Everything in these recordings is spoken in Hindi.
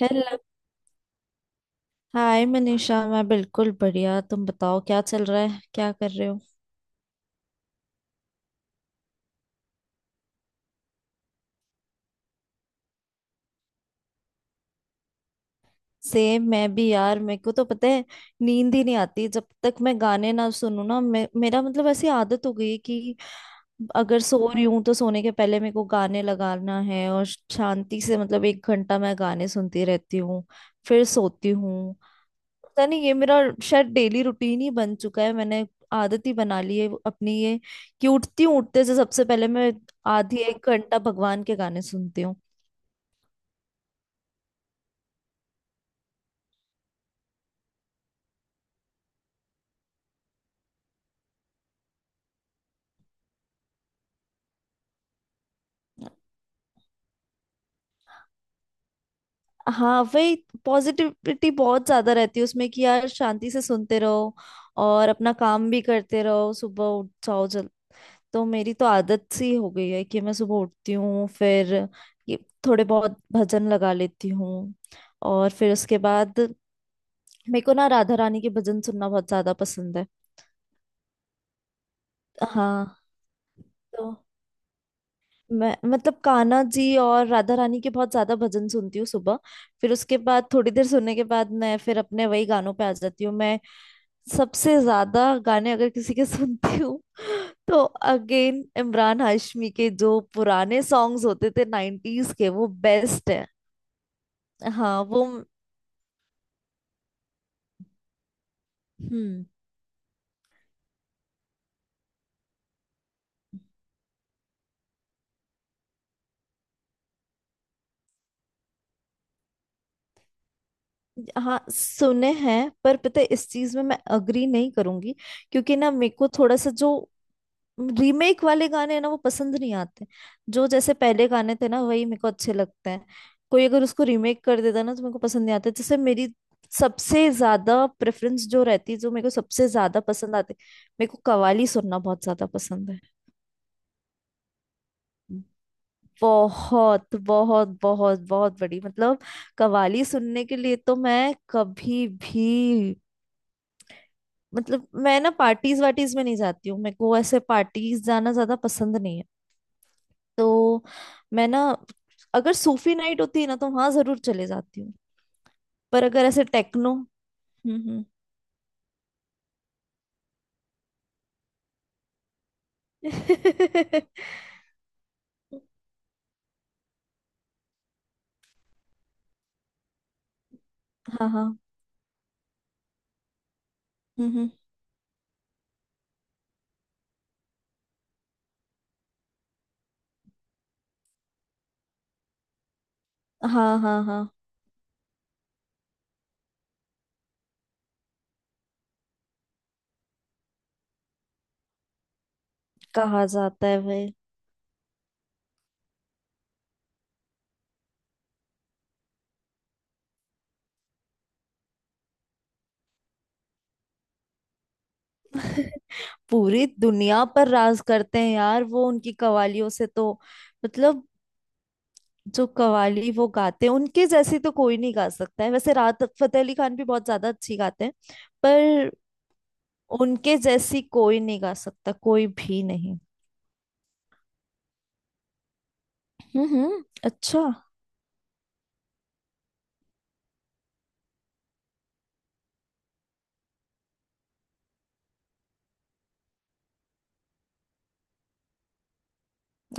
हेलो। हाय मनीषा, मैं बिल्कुल बढ़िया। तुम बताओ, क्या चल रहा है? क्या कर रहे हो? सेम, मैं भी यार। मेरे को तो पता है, नींद ही नहीं आती जब तक मैं गाने ना सुनूं ना। मेरा मतलब ऐसी आदत हो गई है कि अगर सो रही हूँ तो सोने के पहले मेरे को गाने लगाना है, और शांति से, मतलब एक घंटा मैं गाने सुनती रहती हूँ, फिर सोती हूँ। पता नहीं, ये मेरा शायद डेली रूटीन ही बन चुका है। मैंने आदत ही बना ली है अपनी ये, कि उठती हूँ, उठते से सबसे पहले मैं आधी एक घंटा भगवान के गाने सुनती हूँ। हाँ वही, पॉजिटिविटी बहुत ज्यादा रहती है उसमें कि यार शांति से सुनते रहो और अपना काम भी करते रहो, सुबह उठ जाओ जल। तो मेरी तो आदत सी हो गई है कि मैं सुबह उठती हूँ, फिर ये थोड़े बहुत भजन लगा लेती हूँ, और फिर उसके बाद मेरे को ना राधा रानी के भजन सुनना बहुत ज्यादा पसंद है। हाँ। तो मैं, मतलब कान्हा जी और राधा रानी के बहुत ज्यादा भजन सुनती हूँ सुबह। फिर उसके बाद थोड़ी देर सुनने के बाद मैं फिर अपने वही गानों पे आ जाती हूँ। मैं सबसे ज्यादा गाने अगर किसी के सुनती हूँ तो अगेन इमरान हाशमी के, जो पुराने सॉन्ग्स होते थे नाइन्टीज के, वो बेस्ट है। हाँ वो। हम्म। हाँ सुने हैं, पर पता है इस चीज में मैं अग्री नहीं करूंगी। क्योंकि ना मेरे को थोड़ा सा जो रीमेक वाले गाने ना, वो पसंद नहीं आते। जो जैसे पहले गाने थे ना, वही मेरे को अच्छे लगते हैं। कोई अगर उसको रीमेक कर देता ना, तो मेरे को पसंद नहीं आता, जैसे मेरी सबसे ज्यादा प्रेफरेंस जो रहती है, जो मेरे को सबसे ज्यादा पसंद आते, मेरे को कव्वाली सुनना बहुत ज्यादा पसंद है। बहुत बहुत बहुत बहुत बड़ी, मतलब कव्वाली सुनने के लिए तो मैं कभी भी, मतलब मैं ना पार्टीज वार्टीज में नहीं जाती हूँ, मेरे को ऐसे पार्टीज जाना ज्यादा पसंद नहीं है। तो मैं ना अगर सूफी नाइट होती ना, तो वहां जरूर चले जाती हूँ। पर अगर ऐसे टेक्नो। हम्म। हाँ हाँ। हम्म। हाँ हाँ हाँ। कहा जाता है भाई। पूरी दुनिया पर राज करते हैं यार वो, उनकी कवालियों से तो, मतलब जो कवाली वो गाते हैं उनके जैसी तो कोई नहीं गा सकता है। वैसे राहत फतेह अली खान भी बहुत ज्यादा अच्छी गाते हैं, पर उनके जैसी कोई नहीं गा सकता, कोई भी नहीं। अच्छा।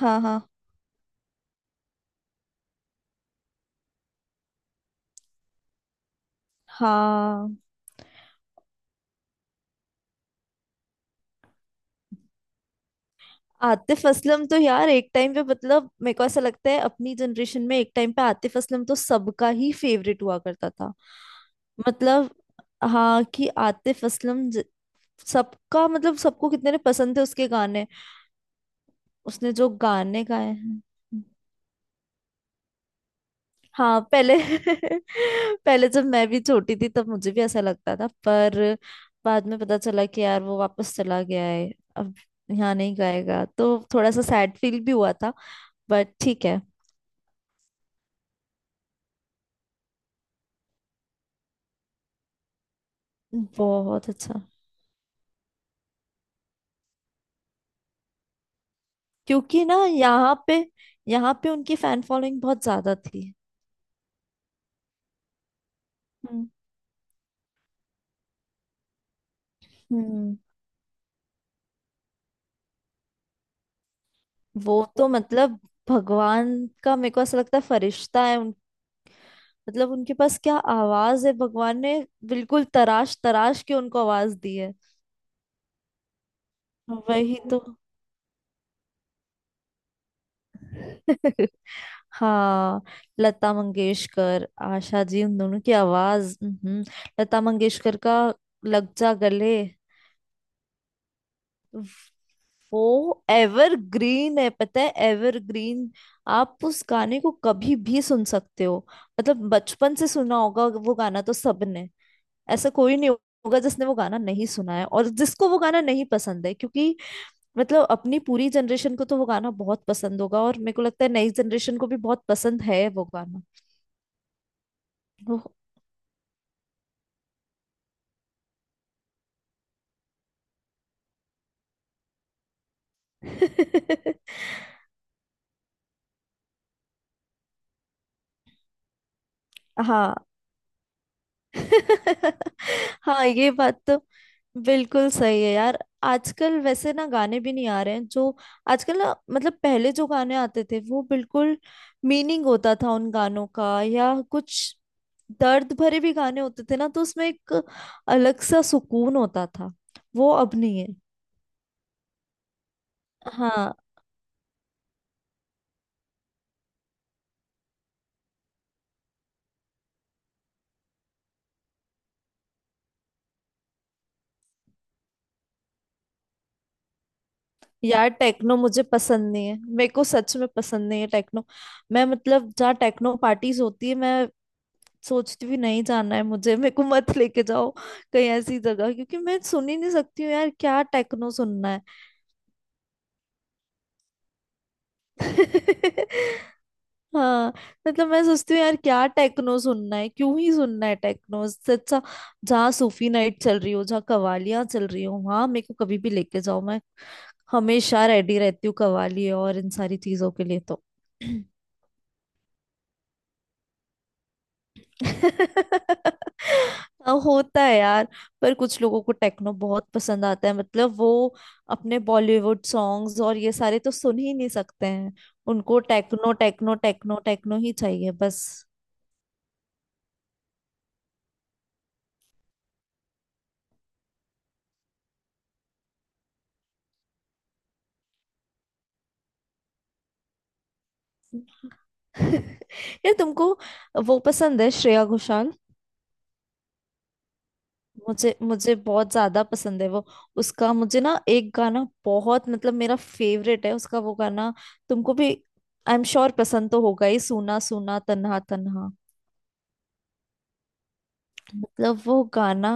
हाँ हाँ हाँ। आतिफ असलम तो यार एक टाइम पे, मतलब मेरे को ऐसा लगता है अपनी जनरेशन में एक टाइम पे आतिफ असलम तो सबका ही फेवरेट हुआ करता था। मतलब हाँ, कि आतिफ असलम सबका, मतलब सबको कितने ने पसंद थे उसके गाने, उसने जो गाने गाए हैं। हाँ पहले पहले जब मैं भी छोटी थी तब मुझे भी ऐसा लगता था, पर बाद में पता चला कि यार वो वापस चला गया है। अब यहाँ नहीं गाएगा, तो थोड़ा सा सैड फील भी हुआ था, बट ठीक है। बहुत अच्छा। क्योंकि ना यहाँ पे उनकी फैन फॉलोइंग बहुत ज्यादा थी। हम्म हम्म। वो तो, मतलब भगवान का, मेरे को ऐसा लगता है फरिश्ता है उन, मतलब उनके पास क्या आवाज है, भगवान ने बिल्कुल तराश तराश के उनको आवाज दी है। वही तो। हाँ। लता मंगेशकर, आशा जी, उन दोनों की आवाज। हम्म। लता मंगेशकर का लग जा गले, वो एवरग्रीन है, पता है, एवरग्रीन। आप उस गाने को कभी भी सुन सकते हो, मतलब बचपन से सुना होगा वो गाना तो सबने। ऐसा कोई नहीं होगा जिसने वो गाना नहीं सुना है और जिसको वो गाना नहीं पसंद है, क्योंकि, मतलब अपनी पूरी जनरेशन को तो वो गाना बहुत पसंद होगा, और मेरे को लगता है नई जनरेशन को भी बहुत पसंद है वो गाना। वो- हाँ। हाँ, ये बात तो बिल्कुल सही है यार। आजकल वैसे ना गाने भी नहीं आ रहे हैं जो, आजकल ना, मतलब पहले जो गाने आते थे वो बिल्कुल मीनिंग होता था उन गानों का, या कुछ दर्द भरे भी गाने होते थे ना, तो उसमें एक अलग सा सुकून होता था, वो अब नहीं है। हाँ। यार टेक्नो मुझे पसंद नहीं है, मेरे को सच में पसंद नहीं है टेक्नो। मैं, मतलब जहाँ टेक्नो पार्टीज होती है, मैं सोचती भी नहीं, जाना है मुझे, मेरे को मत लेके जाओ कहीं ऐसी जगह, क्योंकि मैं सुन ही नहीं सकती हूँ यार, क्या टेक्नो सुनना है। हाँ। मतलब मैं सोचती हूँ यार क्या टेक्नो सुनना है, क्यों ही सुनना है टेक्नो, इससे अच्छा जहाँ सूफी नाइट चल रही हो, जहाँ कवालियाँ चल रही हो, वहां मेरे को कभी भी लेके जाओ, मैं हमेशा रेडी रहती हूँ कवाली और इन सारी चीजों के लिए तो। हाँ, होता है यार। पर कुछ लोगों को टेक्नो बहुत पसंद आता है, मतलब वो अपने बॉलीवुड सॉन्ग्स और ये सारे तो सुन ही नहीं सकते हैं, उनको टेक्नो टेक्नो टेक्नो टेक्नो ही चाहिए बस। यार तुमको वो पसंद है, श्रेया घोषाल? मुझे मुझे बहुत ज्यादा पसंद है वो। उसका मुझे ना एक गाना बहुत, मतलब मेरा फेवरेट है उसका, वो गाना तुमको भी आई एम श्योर पसंद तो होगा ही, सूना सूना तन्हा तन्हा, मतलब वो गाना।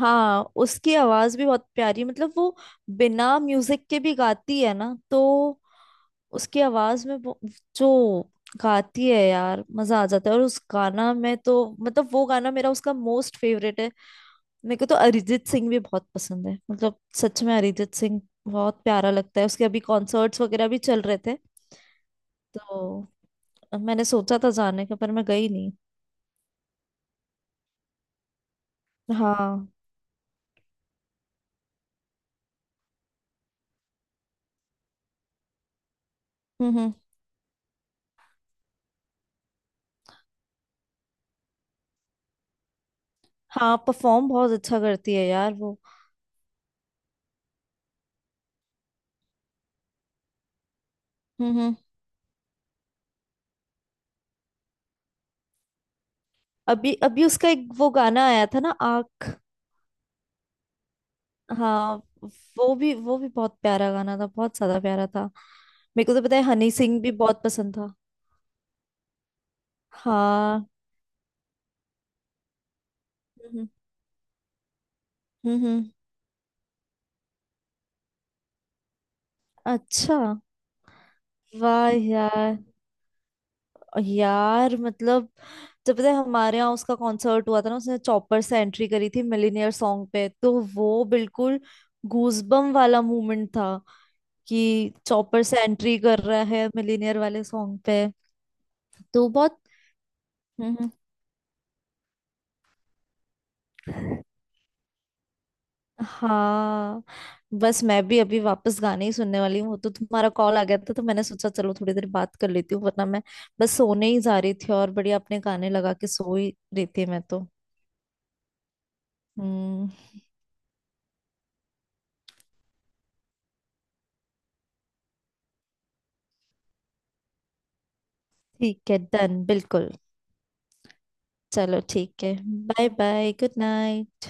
हाँ उसकी आवाज भी बहुत प्यारी, मतलब वो बिना म्यूजिक के भी गाती है ना, तो उसकी आवाज में जो गाती है यार, मजा आ जाता है। और उस गाना में तो, मतलब वो गाना मेरा, उसका मोस्ट फेवरेट है। मेरे को तो अरिजीत सिंह भी बहुत पसंद है, मतलब सच में अरिजीत सिंह बहुत प्यारा लगता है, उसके अभी कॉन्सर्ट्स वगैरह भी चल रहे थे, तो मैंने सोचा था जाने का, पर मैं गई नहीं। हाँ। हम्म। हाँ, परफॉर्म बहुत अच्छा करती है यार वो। हम्म। अभी अभी उसका एक वो गाना आया था ना, आँख। हाँ वो भी बहुत प्यारा गाना था, बहुत ज्यादा प्यारा था। मेरे को तो पता है हनी सिंह भी बहुत पसंद था। हाँ। हम्म हम्म। हम्म, अच्छा। वाह यार। यार, मतलब जब, पता है हमारे यहाँ उसका कॉन्सर्ट हुआ था ना, उसने चौपर से एंट्री करी थी मिलीनियर सॉन्ग पे, तो वो बिल्कुल गूजबम वाला मोमेंट था, कि चौपर से एंट्री कर रहा है मिलीनियर वाले सॉन्ग पे, तो बहुत। हम्म हम्म। हाँ। बस मैं भी अभी वापस गाने ही सुनने वाली हूँ, वो तो तुम्हारा कॉल आ गया था तो मैंने सोचा चलो थोड़ी देर बात कर लेती हूँ, वरना मैं बस सोने ही जा रही थी और बढ़िया अपने गाने लगा के सो ही रही थी मैं तो। हम्म। ठीक है, डन, बिल्कुल। चलो ठीक है। Bye bye, good night.